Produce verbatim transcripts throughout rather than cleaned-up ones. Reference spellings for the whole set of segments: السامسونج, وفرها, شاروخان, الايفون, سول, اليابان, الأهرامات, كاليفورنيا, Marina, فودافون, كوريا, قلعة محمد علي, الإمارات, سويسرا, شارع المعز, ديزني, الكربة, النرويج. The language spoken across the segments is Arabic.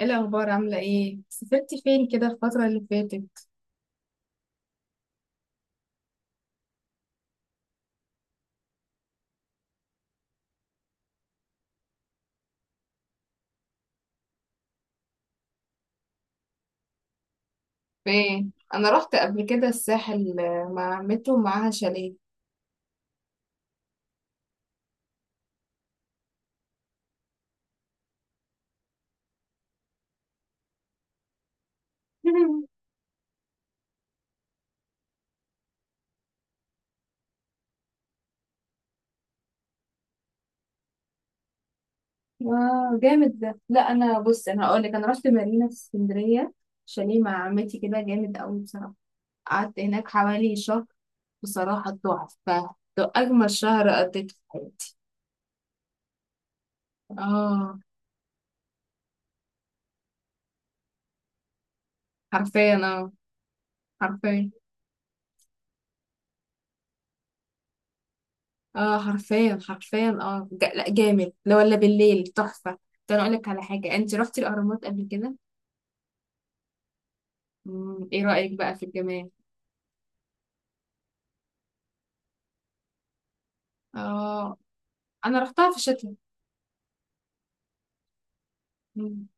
ايه الاخبار؟ عامله ايه؟ سافرتي فين كده الفتره اللي فاتت؟ فين؟ انا رحت قبل كده الساحل، آه، مع عمته ومعاها شاليه. واو، جامد ده. لا انا بص، انا هقول لك، انا رحت مارينا في اسكندريه. شاليه مع عمتي كده، جامد قوي بصراحه. قعدت هناك حوالي شهر. بصراحه تحفه، ده اجمل شهر قضيته في حياتي. اه، حرفيا. اه، حرفيا. اه، حرفيا حرفيا، اه. جا- لا جامد. لا ولا بالليل، تحفة. ده انا اقول لك على حاجة، انت رحتي الاهرامات قبل كده؟ مم. ايه رأيك بقى في الجمال؟ اه، انا رحتها في الشتاء. مم.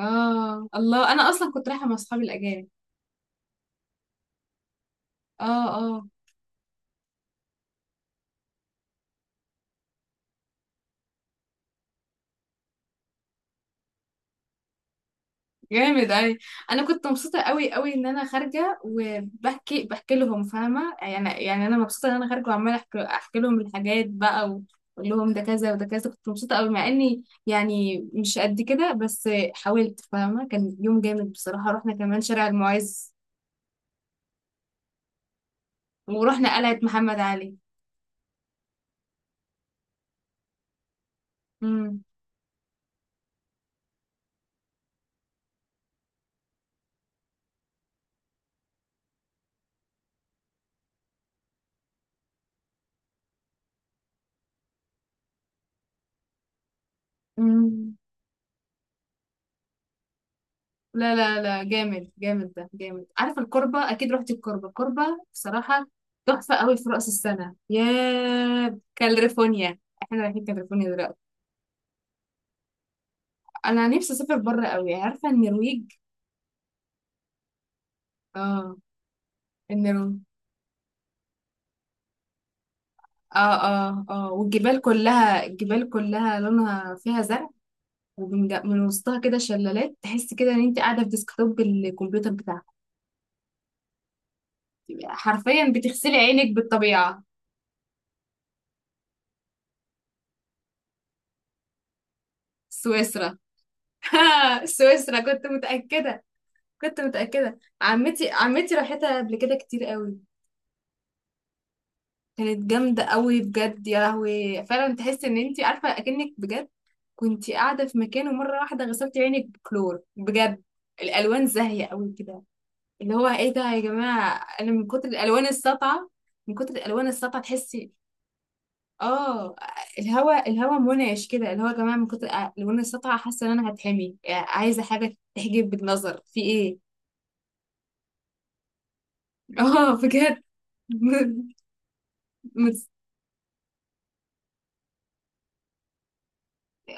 اه الله، انا اصلا كنت رايحة مع اصحابي الاجانب. اه. آه. جامد أوي. أنا كنت مبسوطة أوي أوي إن أنا خارجة، وبحكي بحكي لهم، فاهمة؟ يعني يعني أنا مبسوطة إن أنا خارجة وعمالة أحكي, أحكي لهم الحاجات بقى، وأقول لهم ده كذا وده كذا، كنت مبسوطة أوي، مع إني يعني مش قد كده، بس حاولت. فاهمة؟ كان يوم جامد بصراحة. رحنا كمان شارع المعز ورحنا قلعة محمد علي. امم. لا لا لا، جامد جامد، ده جامد. عارف الكربة؟ أكيد رحت الكربة الكربة. بصراحة تحفة قوي. في رأس السنة يا كاليفورنيا، احنا رايحين كاليفورنيا دلوقتي. أنا نفسي أسافر بره قوي. عارفة النرويج؟ اه، النرويج. اه، اه، اه، والجبال كلها الجبال كلها لونها فيها زرع. ومن جا- من وسطها كده شلالات، تحس كده ان انت قاعدة في ديسكتوب الكمبيوتر بتاعك. حرفيا، بتغسلي عينك بالطبيعة. سويسرا. سويسرا، كنت متأكدة. كنت متأكدة. عمتي عمتي راحتها قبل كده كتير قوي. كانت جامدة قوي بجد، يا لهوي. فعلا تحس ان انتي عارفة اكنك بجد كنتي قاعدة في مكان، ومرة واحدة غسلتي عينك بكلور، بجد. الالوان زاهية قوي كده، اللي هو ايه ده يا جماعة، انا من كتر الالوان الساطعة. من كتر الالوان الساطعة تحسي. اه، الهوا الهوا منعش كده، اللي هو يا جماعة من كتر الالوان الساطعة، حاسة ان انا هتحمي، عايزة حاجة تحجب بالنظر في ايه. اه، بجد. مت-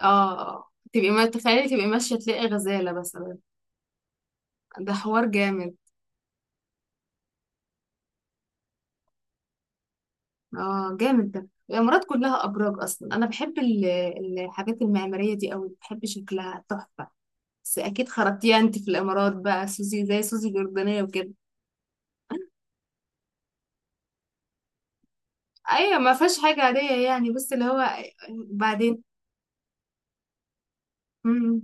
اه، تبقي ما تخيلي، تبقي ماشية تلاقي غزالة مثلا. ده حوار جامد. اه جامد ده، الإمارات كلها أبراج أصلا. أنا بحب ال- الحاجات المعمارية دي أوي، بحب شكلها تحفة. بس أكيد خرجتيها أنت في الإمارات بقى سوزي، زي سوزي الأردنية وكده. أيوة ما فيهاش حاجة عادية يعني، بس اللي هو بعدين. مم.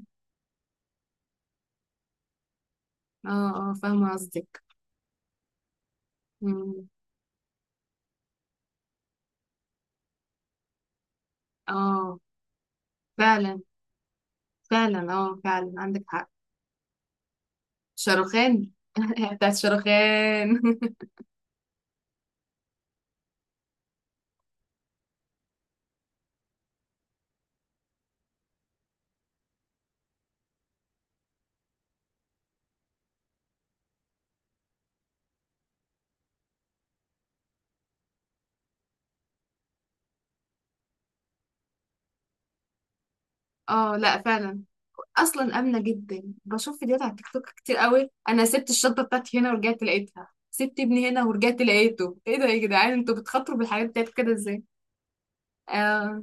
اه، اه، فاهمة قصدك. مم. اه، فعلا فعلا، اه فعلا عندك حق. شاروخان. بتاعت شاروخان. اه، لا فعلا. اصلا امنه جدا. بشوف فيديوهات على التيك توك كتير قوي. انا سبت الشنطه بتاعتي هنا ورجعت لقيتها، سبت ابني هنا ورجعت لقيته. ايه ده يا جدعان، انتوا بتخاطروا بالحاجات بتاعتكم كده ازاي؟ آه.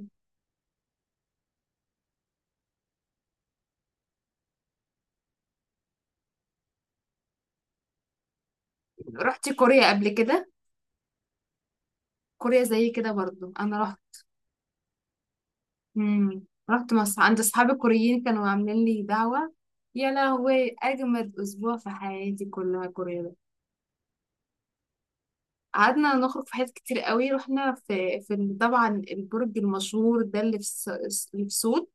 رحت كوريا قبل كده؟ كوريا زي كده برضو، انا رحت. مم. رحت مصر عند اصحابي الكوريين، كانوا عاملين لي دعوه. يا لهوي، اجمد اسبوع في حياتي كلها كوريا ده. قعدنا نخرج في حاجات كتير قوي. رحنا في, في ال- طبعا البرج المشهور ده، اللي في, الس- اللي في سول.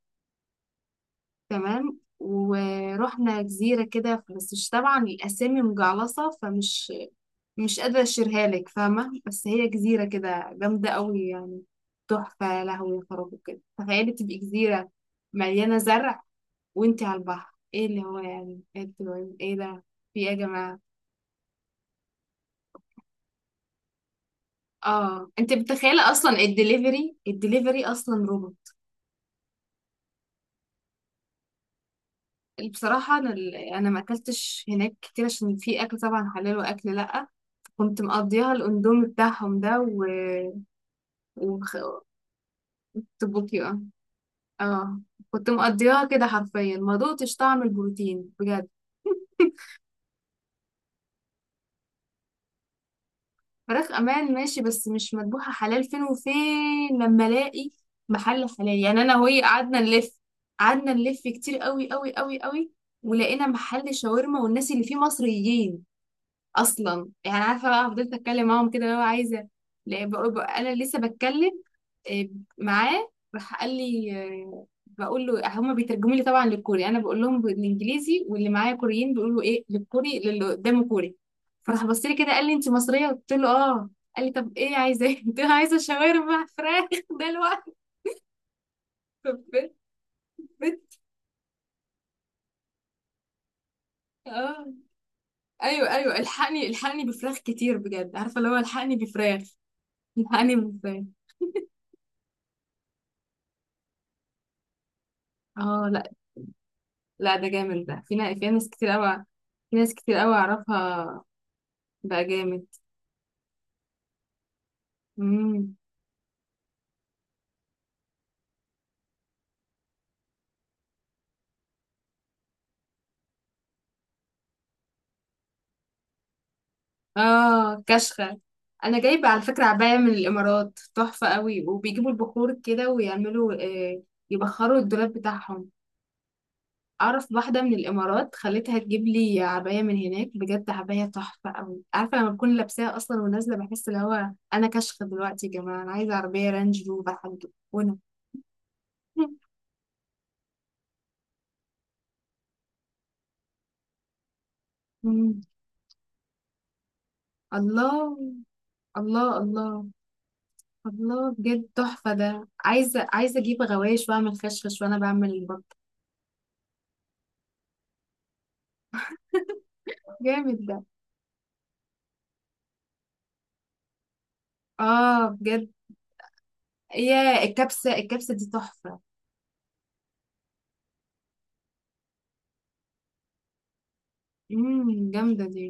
تمام. ورحنا جزيرة كده، بس مش طبعا الأسامي مجعلصة، فمش مش قادرة أشيرها لك، فاهمة؟ بس هي جزيرة كده جامدة قوي يعني، تحفة يا لهوي يا خرابي. كده تخيلي، تبقي جزيرة مليانة زرع، وانتي على البحر، ايه اللي هو يعني، انتوا ايه ده، في ايه يا جماعة؟ اه، انت متخيلة؟ اصلا الدليفري الدليفري اصلا روبوت. بصراحة، انا انا ما اكلتش هناك كتير، عشان في اكل طبعا حلال واكل لا. كنت مقضيها الاندومي بتاعهم ده و... وخ... تبوكي. اه. اه، كنت مقضيها كده حرفيا، ما دقتش طعم البروتين بجد. فراخ امان ماشي، بس مش مذبوحه حلال، فين وفين لما الاقي محل حلال؟ يعني انا وهي قعدنا نلف، قعدنا نلف كتير قوي قوي قوي قوي، ولقينا محل شاورما والناس اللي فيه مصريين، اصلا يعني، عارفه بقى، فضلت اتكلم معاهم كده لو عايزه. لا، بقول- بقول- انا لسه بتكلم. آه، معاه، راح قال لي، آه، بقول له هما بيترجموا لي طبعا للكوري، انا بقول لهم بالانجليزي، واللي معايا كوريين بيقولوا ايه للكوري، للي قدامه كوري. فراح بص لي كده، قال لي انت مصريه؟ قلت له اه. قال لي طب ايه عايزه؟ إيه؟ قلت له عايزه شاورما فراخ. ده الوقت! طب بت- بت- اه، ايوه ايوه، الحقني الحقني بفراخ كتير بجد، عارفه اللي هو، الحقني بفراخ. الحقني بفراخ. اه، لا لا، ده جامد ده، في ناس في ناس كتير قوي، في ناس كتير قوي اعرفها. بقى جامد. امم. اه، كشخة. انا جايبه على فكره عبايه من الامارات، تحفه قوي. وبيجيبوا البخور كده، ويعملوا آه يبخروا الدولاب بتاعهم. اعرف واحده من الامارات، خليتها تجيب لي عبايه من هناك بجد، عبايه تحفه قوي. عارفه لما بكون لابساها اصلا ونازله، بحس اللي هو انا كشخه دلوقتي يا جماعه، انا عايزه عربيه رانج روفر حاجه، وانا مم. الله. الله الله. الله بجد، تحفة ده. عايزة عايزة أجيب غوايش وأعمل خشخش، وأنا بعمل البطة. جامد ده. آه بجد. يا، الكبسة الكبسة دي تحفة! امم جامدة دي.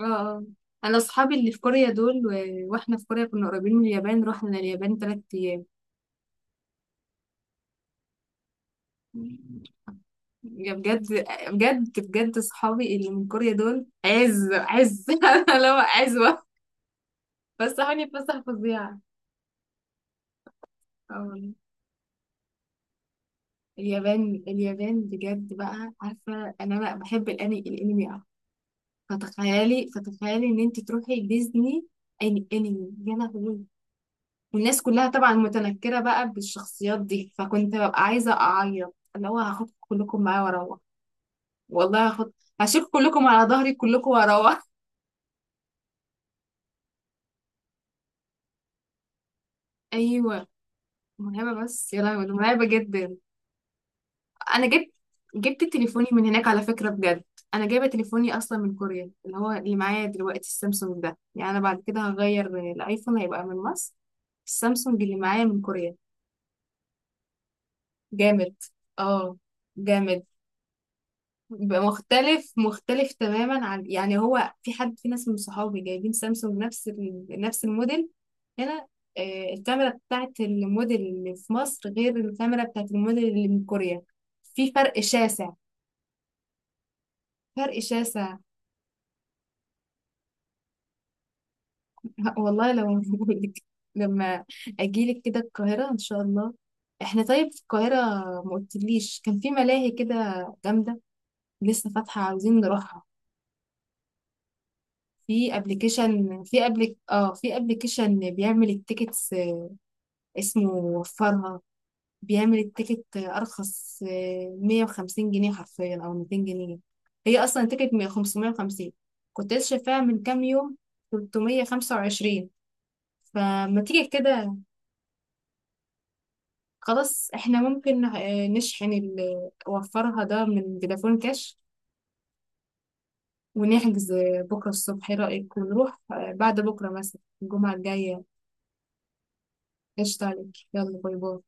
اه، اه، أنا أصحابي اللي في كوريا دول و... وإحنا في كوريا كنا قريبين من اليابان، رحنا اليابان تلات أيام. يا، بجد. بجد بجد، صحابي اللي من كوريا دول عز عز. أنا لو عزوة، بس حالي فسحة فظيعة. اه والله. اليابان، اليابان بجد بقى! عارفة ان انا بحب الاني الانمي أوي. فتخيلي فتخيلي ان انت تروحي ديزني اني انمي، يا لهوي! والناس كلها طبعا متنكرة بقى بالشخصيات دي، فكنت ببقى عايزة اعيط، اللي هو هاخد كلكم معايا واروح. والله هاخد، هشيل كلكم على ظهري كلكم واروح. ايوه. مرعبة، بس يا لهوي مرعبة جدا. انا جبت، جبت تليفوني من هناك على فكرة، بجد. انا جايبة تليفوني اصلا من كوريا، اللي هو اللي معايا دلوقتي السامسونج ده. يعني انا بعد كده هغير، الايفون هيبقى من مصر، السامسونج اللي معايا من كوريا. جامد. اه جامد، بيبقى مختلف مختلف تماما عن، يعني هو في حد، في ناس من صحابي جايبين سامسونج نفس ال... نفس الموديل هنا. آه، الكاميرا بتاعت الموديل اللي في مصر غير الكاميرا بتاعت الموديل اللي من كوريا، في فرق شاسع، فرق شاسع. والله لو موجود. لما اجيلك كده القاهرة ان شاء الله. احنا طيب، في القاهرة ما قلتليش كان في ملاهي كده جامدة، لسه فاتحة، عاوزين نروحها. في ابلكيشن في ابلك اه في ابلكيشن بيعمل التيكتس، اسمه وفرها. بيعمل التيكت ارخص، آه، ميه وخمسين جنيه حرفيا، او ميتين جنيه. هي اصلا تيكت خمسمائة وخمسين، كنت لسه شايفاها من كام يوم، تلتميه وخمسه وعشرين. فما تيجي كده، خلاص، احنا ممكن آه، نشحن اللي وفرها ده من فودافون كاش، ونحجز آه، بكرة الصبح. ايه رأيك ونروح آه، بعد بكرة مثلا، الجمعة الجاية؟ قشطة عليك، يلا باي باي.